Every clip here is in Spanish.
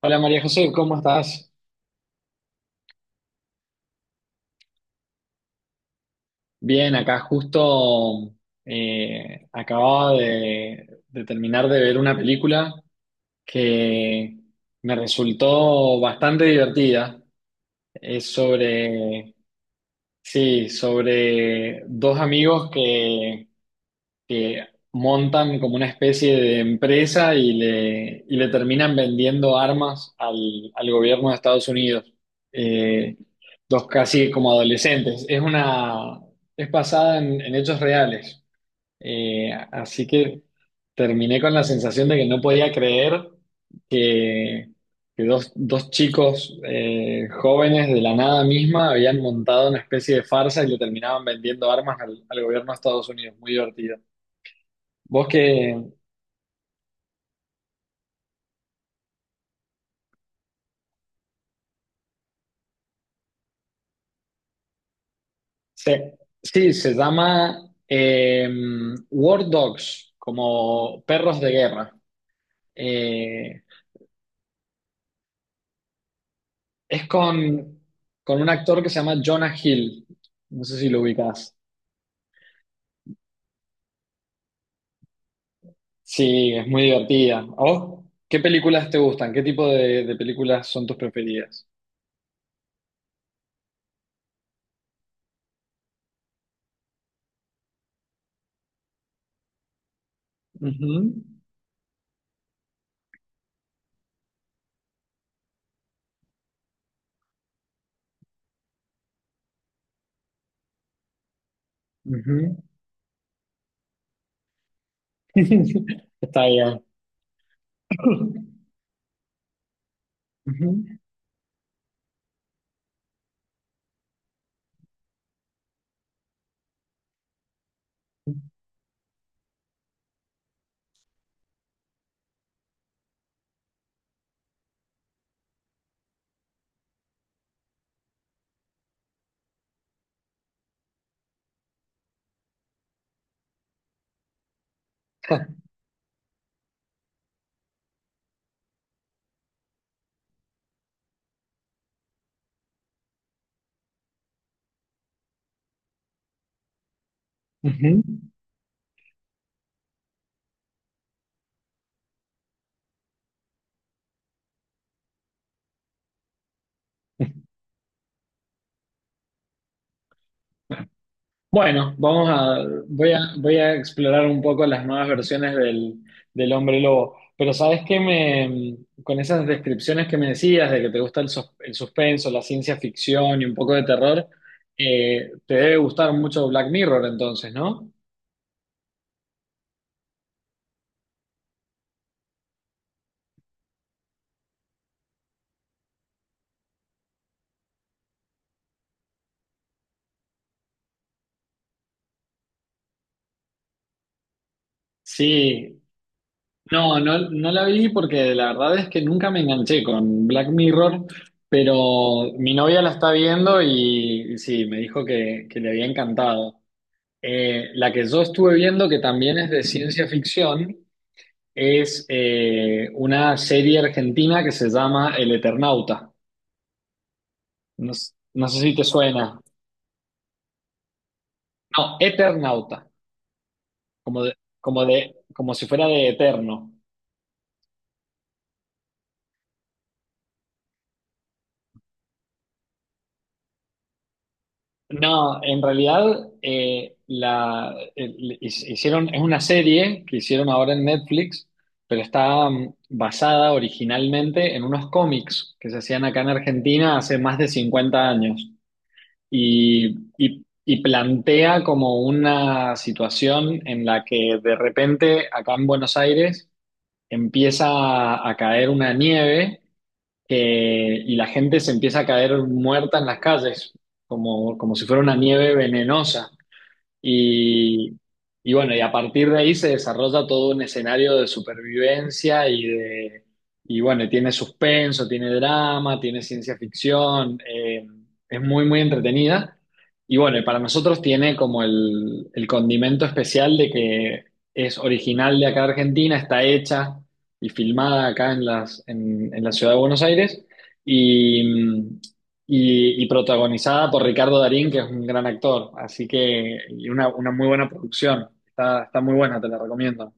Hola María José, ¿cómo estás? Bien, acá justo acababa de terminar de ver una película que me resultó bastante divertida. Es sobre, sí, sobre dos amigos que montan como una especie de empresa y le terminan vendiendo armas al gobierno de Estados Unidos. Eh, Dos casi como adolescentes. Es basada en hechos reales. Así que terminé con la sensación de que no podía creer que, que dos chicos jóvenes de la nada misma habían montado una especie de farsa y le terminaban vendiendo armas al gobierno de Estados Unidos. Muy divertido. Vos que... se- sí, se llama eh, War Dogs, como perros de guerra. Eh, es con un actor que se llama Jonah Hill. No sé si lo ubicás. Sí, es muy divertida. ¿A vos qué películas te gustan? ¿Qué tipo de películas son tus preferidas? Ujú, ujú. Está bien. Ujú, ujú. Bueno, vamos a, voy a, voy a explorar un poco las nuevas versiones del hombre lobo. Pero con esas descripciones que me decías de que te gusta el suspenso, la ciencia ficción y un poco de terror, te debe gustar mucho Black Mirror entonces, ¿no? Sí, no, no, no la vi porque la verdad es que nunca me enganché con Black Mirror, pero mi novia la está viendo y sí, me dijo que le había encantado. La que yo estuve viendo, que también es de ciencia ficción, es una serie argentina que se llama El Eternauta. No, no sé si te suena. No, Eternauta, como de, como de, como si fuera de eterno. No, en realidad hicieron, es una serie que hicieron ahora en Netflix, pero está basada originalmente en unos cómics que se hacían acá en Argentina hace más de 50 años. Y, y plantea como una situación en la que de repente acá en Buenos Aires empieza a caer una nieve y la gente se empieza a caer muerta en las calles, como, como si fuera una nieve venenosa. Y, y bueno, y a partir de ahí se desarrolla todo un escenario de supervivencia. Y bueno, tiene suspenso, tiene drama, tiene ciencia ficción, es muy, muy entretenida. Y bueno, y para nosotros tiene como el condimento especial de que es original de acá de Argentina, está hecha y filmada acá en en la ciudad de Buenos Aires. Y, y protagonizada por Ricardo Darín, que es un gran actor. Así que, y una muy buena producción. Está, está muy buena, te la recomiendo.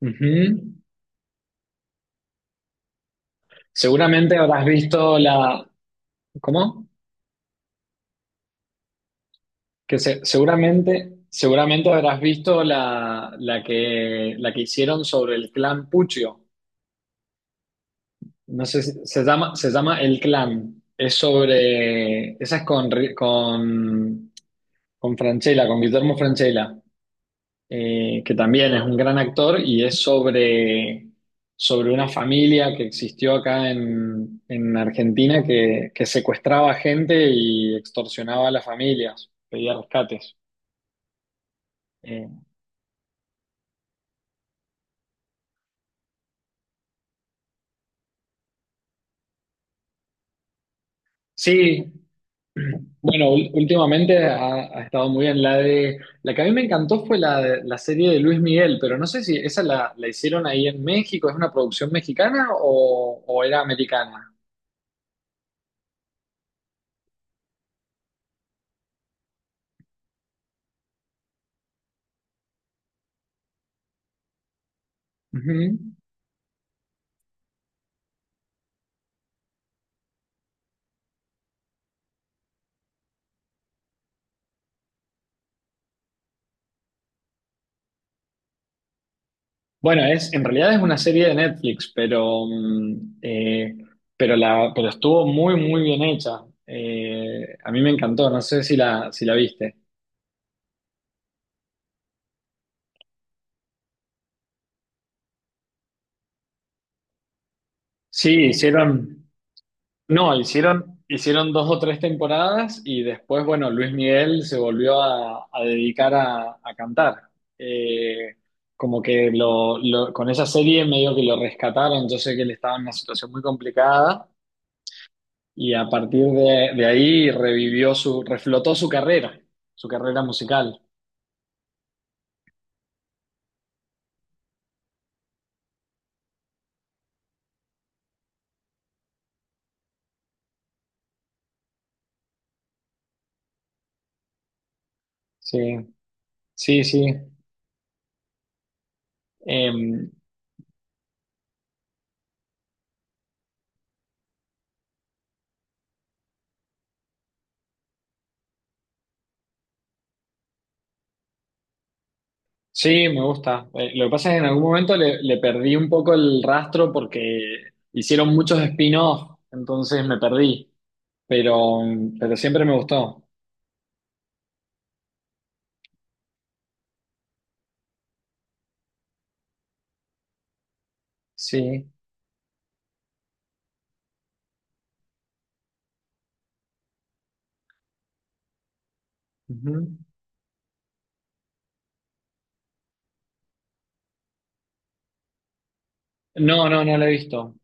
Ujú. Seguramente habrás visto la. ¿Cómo? Seguramente habrás visto la que hicieron sobre el clan Puccio. No sé, se llama El Clan. Es sobre. Esa es con Francella, con Guillermo Francella. Que también es un gran actor y es sobre una familia que existió acá en Argentina que secuestraba gente y extorsionaba a las familias, pedía rescates. Eh, sí, bueno, últimamente ha estado muy bien la de... La que a mí me encantó fue la serie de Luis Miguel, pero no sé si esa la hicieron ahí en México, ¿es una producción mexicana o era americana? Ujú. En realidad es una serie de Netflix, pero estuvo muy, muy bien hecha. A mí me encantó, no sé si la viste. Sí, hicieron, no, hicieron, hicieron dos o tres temporadas y después, bueno, Luis Miguel se volvió a dedicar a cantar. Eh, Como que con esa serie medio que lo rescataron, yo sé que él estaba en una situación muy complicada. Y a partir de ahí revivió su, reflotó su carrera musical. Sí, sí, sí. Em, sí, me gusta. Lo que pasa es que en algún momento le perdí un poco el rastro porque hicieron muchos spin-off, entonces me perdí. Pero, pero siempre me gustó. Sí. Ujú. No, no, no lo he visto.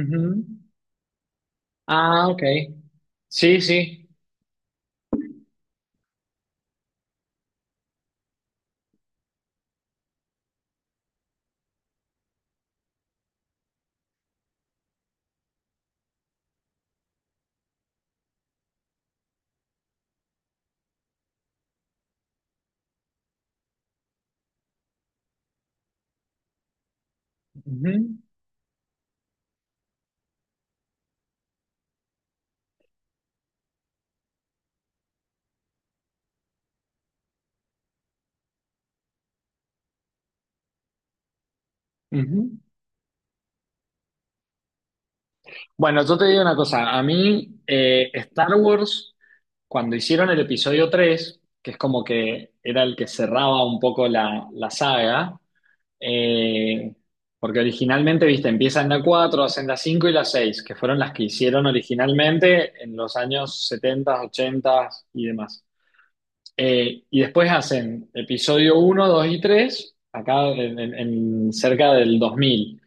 Ujú. Ah, ok. Sí, sí. Ujú, ujú. Bueno, yo te digo una cosa, a mí Star Wars, cuando hicieron el episodio 3, que es como que era el que cerraba un poco la saga, eh, porque originalmente, viste, empieza en la 4, hacen la 5 y la 6, que fueron las que hicieron originalmente en los años 70, 80 y demás. Y después hacen episodio uno, 2 y 3 acá en, en cerca del 2000.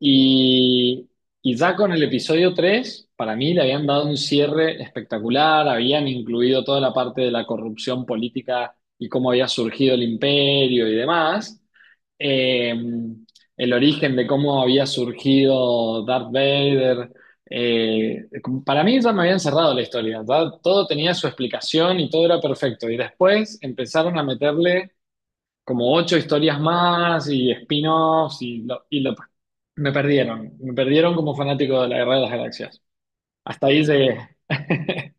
Y, y ya con el episodio 3 para mí le habían dado un cierre espectacular, habían incluido toda la parte de la corrupción política y cómo había surgido el imperio y demás, eh, el origen de cómo había surgido Darth Vader. eh, para mí ya me habían cerrado la historia, ya todo tenía su explicación y todo era perfecto. Y después empezaron a meterle como ocho historias más y spin-offs y me perdieron como fanático de la Guerra de las Galaxias. Hasta ahí llegué.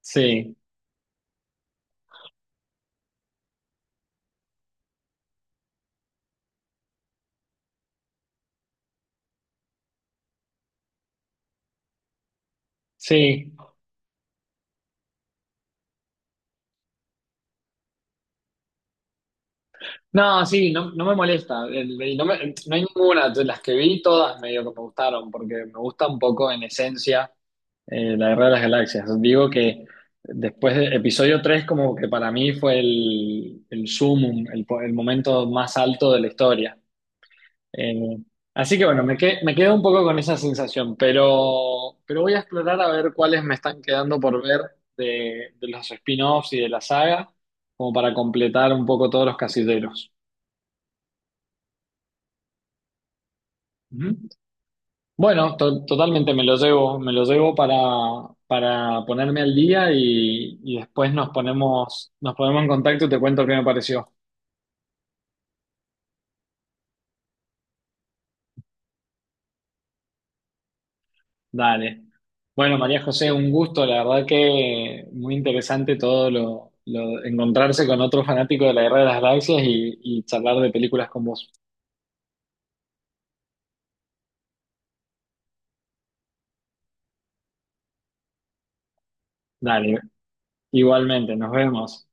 Sí, sí. No, sí, no, no me molesta. No hay ninguna. De las que vi, todas medio que me gustaron, porque me gusta un poco en esencia la Guerra de las Galaxias. Digo que después de episodio 3 como que para mí fue el sumum, el momento más alto de la historia. Eh, así que bueno, me quedo un poco con esa sensación, pero voy a explorar a ver cuáles me están quedando por ver de los spin-offs y de la saga, como para completar un poco todos los casilleros. Ujú. Bueno, totalmente me lo llevo para ponerme al día y después nos ponemos en contacto y te cuento qué me pareció. Dale. Bueno, María José, un gusto, la verdad que muy interesante todo encontrarse con otro fanático de la Guerra de las Galaxias y charlar de películas con vos. Dale, igualmente, nos vemos.